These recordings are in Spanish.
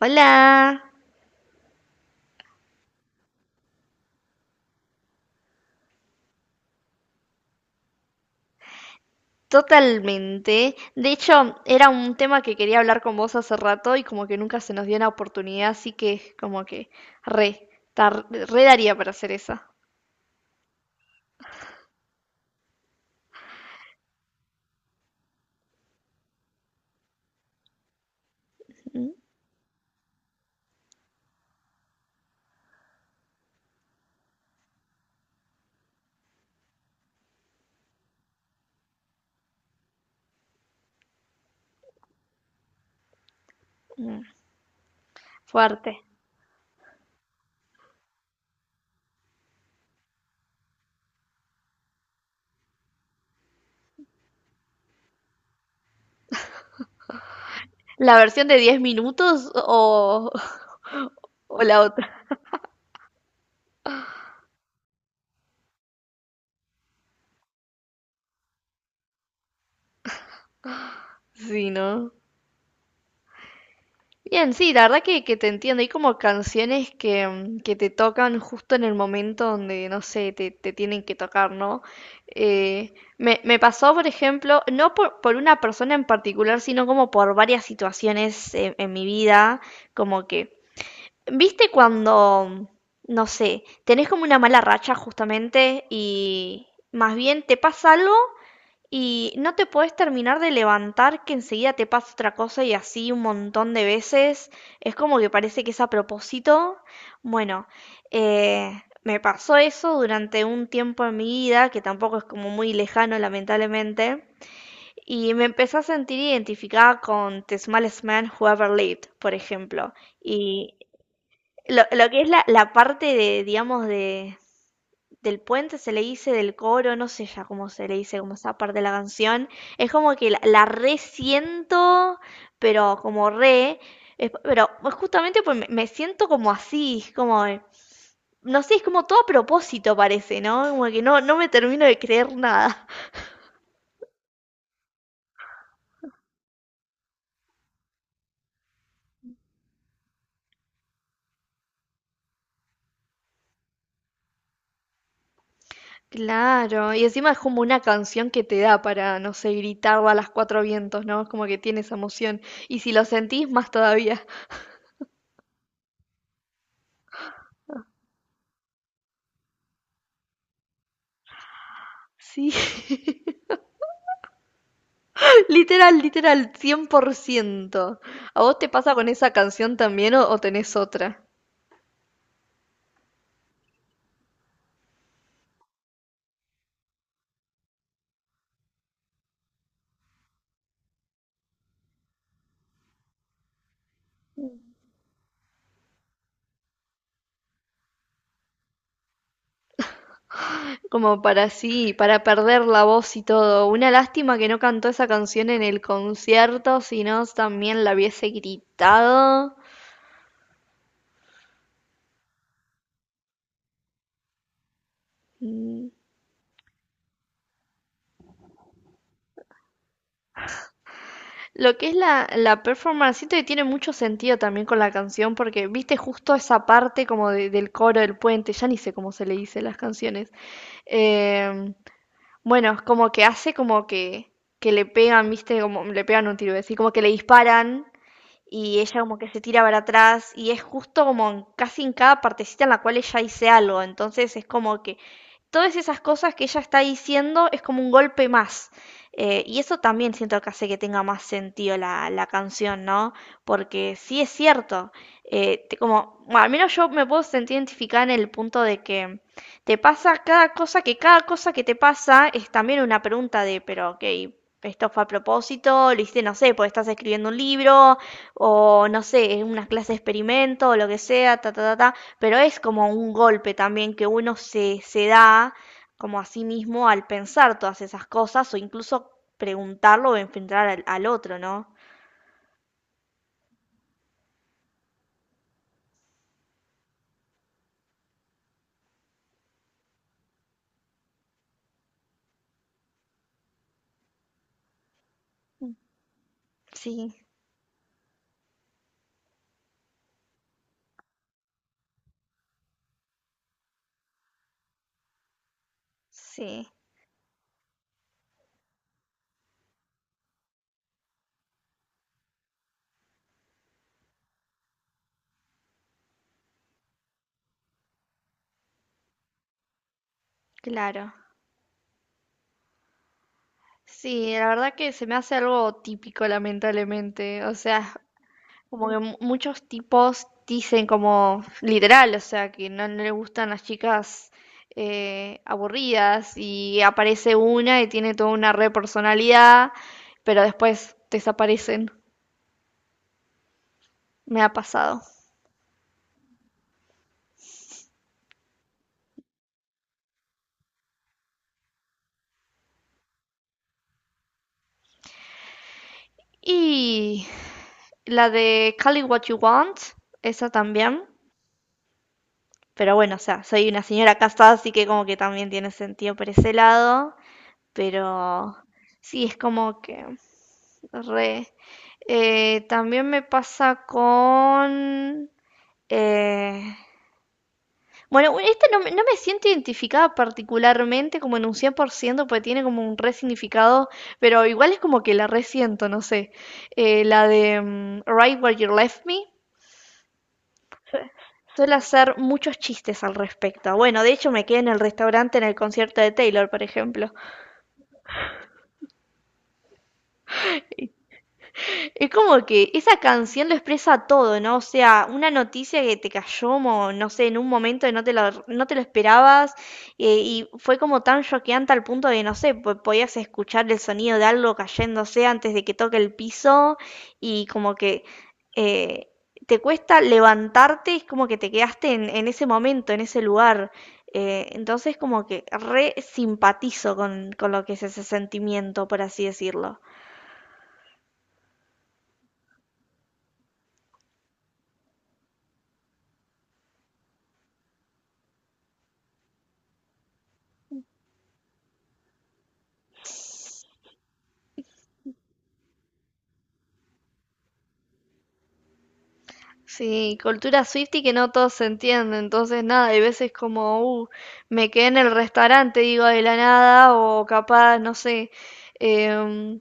Hola, totalmente. De hecho, era un tema que quería hablar con vos hace rato y como que nunca se nos dio la oportunidad, así que como que re, re daría para hacer esa. Mm, mm. Fuerte. ¿La versión de 10 minutos o, o la otra? Sí, ¿no? Bien, sí, la verdad que te entiendo. Hay como canciones que, que te tocan justo en el momento donde, no sé, te tienen que tocar, ¿no? Eh, me me pasó, por ejemplo, no por una persona en particular, sino como por varias situaciones en mi vida, como que, ¿viste cuando, no sé, tenés como una mala racha justamente y más bien te pasa algo? Y no te podés terminar de levantar que enseguida te pasa otra cosa y así un montón de veces. Es como que parece que es a propósito. Bueno, me pasó eso durante un tiempo en mi vida, que tampoco es como muy lejano, lamentablemente. Y me empecé a sentir identificada con The Smallest Man Who Ever Lived, por ejemplo. Y lo que es la parte de, digamos, de, del puente se le dice, del coro, no sé ya cómo se le dice, como esa parte de la canción. Es como que la resiento, pero como re. es- pero Justamente pues me siento como así, es como. No sé, es como todo a propósito parece, ¿no? Como que no, no me termino de creer nada. Claro, y encima es como una canción que te da para, no sé, gritarla a las cuatro vientos, ¿no? Es como que tiene esa emoción. Y si lo sentís, más todavía. Sí. Literal, literal, 100 por ciento. ¿A vos te pasa con esa canción también o tenés otra? Como para sí, para perder la voz y todo. Una lástima que no cantó esa canción en el concierto, si no también la hubiese gritado. Mm. Lo que es la performance, siento que tiene mucho sentido también con la canción, porque viste justo esa parte como del coro, del puente, ya ni sé cómo se le dice las canciones. Eh, Bueno, es como que hace como que le pegan, ¿viste? Como le pegan un tiro, es decir, como que le disparan y ella como que se tira para atrás y es justo como casi en cada partecita en la cual ella dice algo, entonces es como que todas esas cosas que ella está diciendo es como un golpe más. Y eso también siento que hace que tenga más sentido la canción, ¿no? Porque sí es cierto, como, bueno, al menos yo me puedo sentir identificada en el punto de que te pasa cada cosa que te pasa es también una pregunta de, pero ok, esto fue a propósito, lo hiciste, no sé, porque estás escribiendo un libro, o no sé, es una clase de experimento, o lo que sea, ta, ta, ta, ta, pero es como un golpe también que uno se da como a sí mismo al pensar todas esas cosas o incluso preguntarlo o enfrentar al otro, ¿no? Sí, sí, claro. Sí, la verdad que se me hace algo típico, lamentablemente. O sea, como que muchos tipos dicen como literal, o sea, que no, no les gustan las chicas aburridas, y aparece una y tiene toda una re personalidad, pero después desaparecen. Me ha pasado. Y la de Call It What You Want, esa también. Pero bueno, o sea, soy una señora casada, así que como que también tiene sentido por ese lado. Pero sí, es como que re. También me pasa con. eh, Bueno, bueno, esta no, me no me siento identificada particularmente como en un 100 por ciento, porque tiene como un re significado, pero igual es como que la resiento, no sé. La de Right Where You Left Me. Suele hacer muchos chistes al respecto. Bueno, de hecho me quedé en el restaurante en el concierto de Taylor, por ejemplo. Es como que esa canción lo expresa todo, ¿no? O sea, una noticia que te cayó, no sé, en un momento que no te lo, no te lo esperabas, y fue como tan choqueante al punto de, no sé, podías escuchar el sonido de algo cayéndose antes de que toque el piso, y como que eh, te cuesta levantarte, es como que te quedaste en ese momento, en ese lugar. Entonces como que re simpatizo con lo que es ese sentimiento, por así decirlo. Sí, cultura y que no todos se entienden, entonces nada, hay veces como, me quedé en el restaurante, digo, de la nada, o capaz, no sé, em,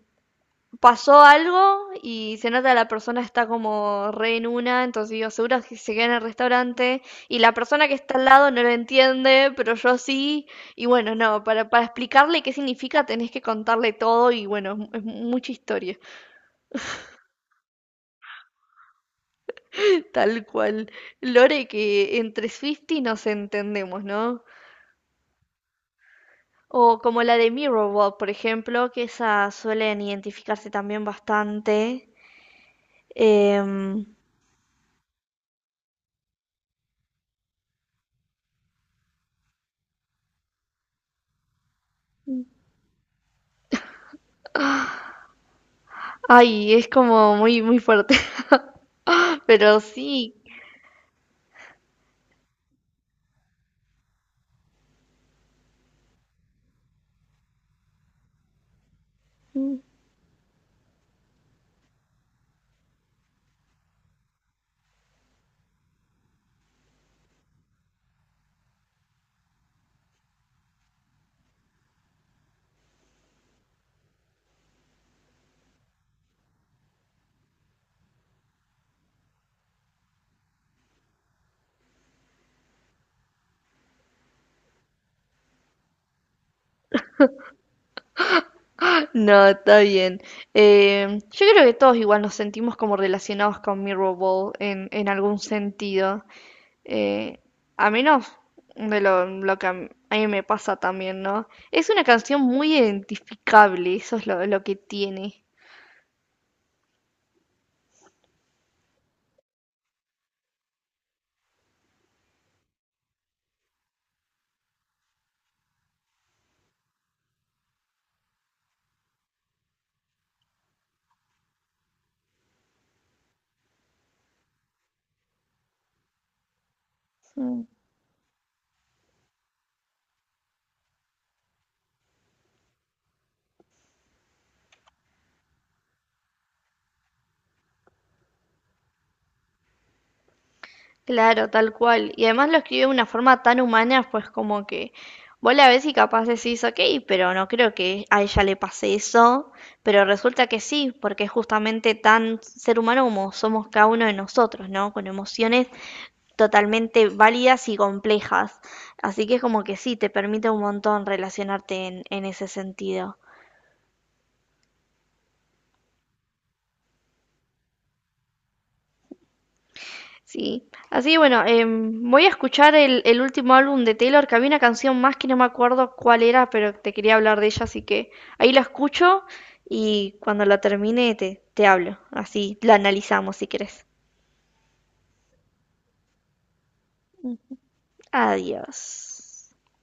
pasó algo y se nota la persona está como re en una, entonces digo, seguro que se queda en el restaurante, y la persona que está al lado no lo entiende, pero yo sí, y bueno, no, para explicarle qué significa tenés que contarle todo y bueno, es mucha historia. Tal cual. Lore que entre Swiftie nos entendemos, ¿no? O como la de Mirrorball por ejemplo, que esas suelen identificarse también bastante. Em, Ay, es como muy, muy fuerte. Pero sí. No, está bien. Yo creo que todos igual nos sentimos como relacionados con Mirrorball en algún sentido. Eh, a menos de lo que a mí me pasa también, ¿no? Es una canción muy identificable, eso es lo que tiene. Mm. Claro, tal cual. Y además lo escribe de una forma tan humana, pues como que vos la ves y capaz decís, ok, pero no creo que a ella le pase eso, pero resulta que sí, porque es justamente tan ser humano como somos cada uno de nosotros, ¿no? Con emociones totalmente válidas y complejas. Así que es como que sí, te permite un montón relacionarte en ese sentido. Sí. Así que bueno, voy a escuchar el último álbum de Taylor, que había una canción más que no me acuerdo cuál era, pero te quería hablar de ella, así que ahí la escucho y cuando la termine te hablo. Así la analizamos si querés. Adiós.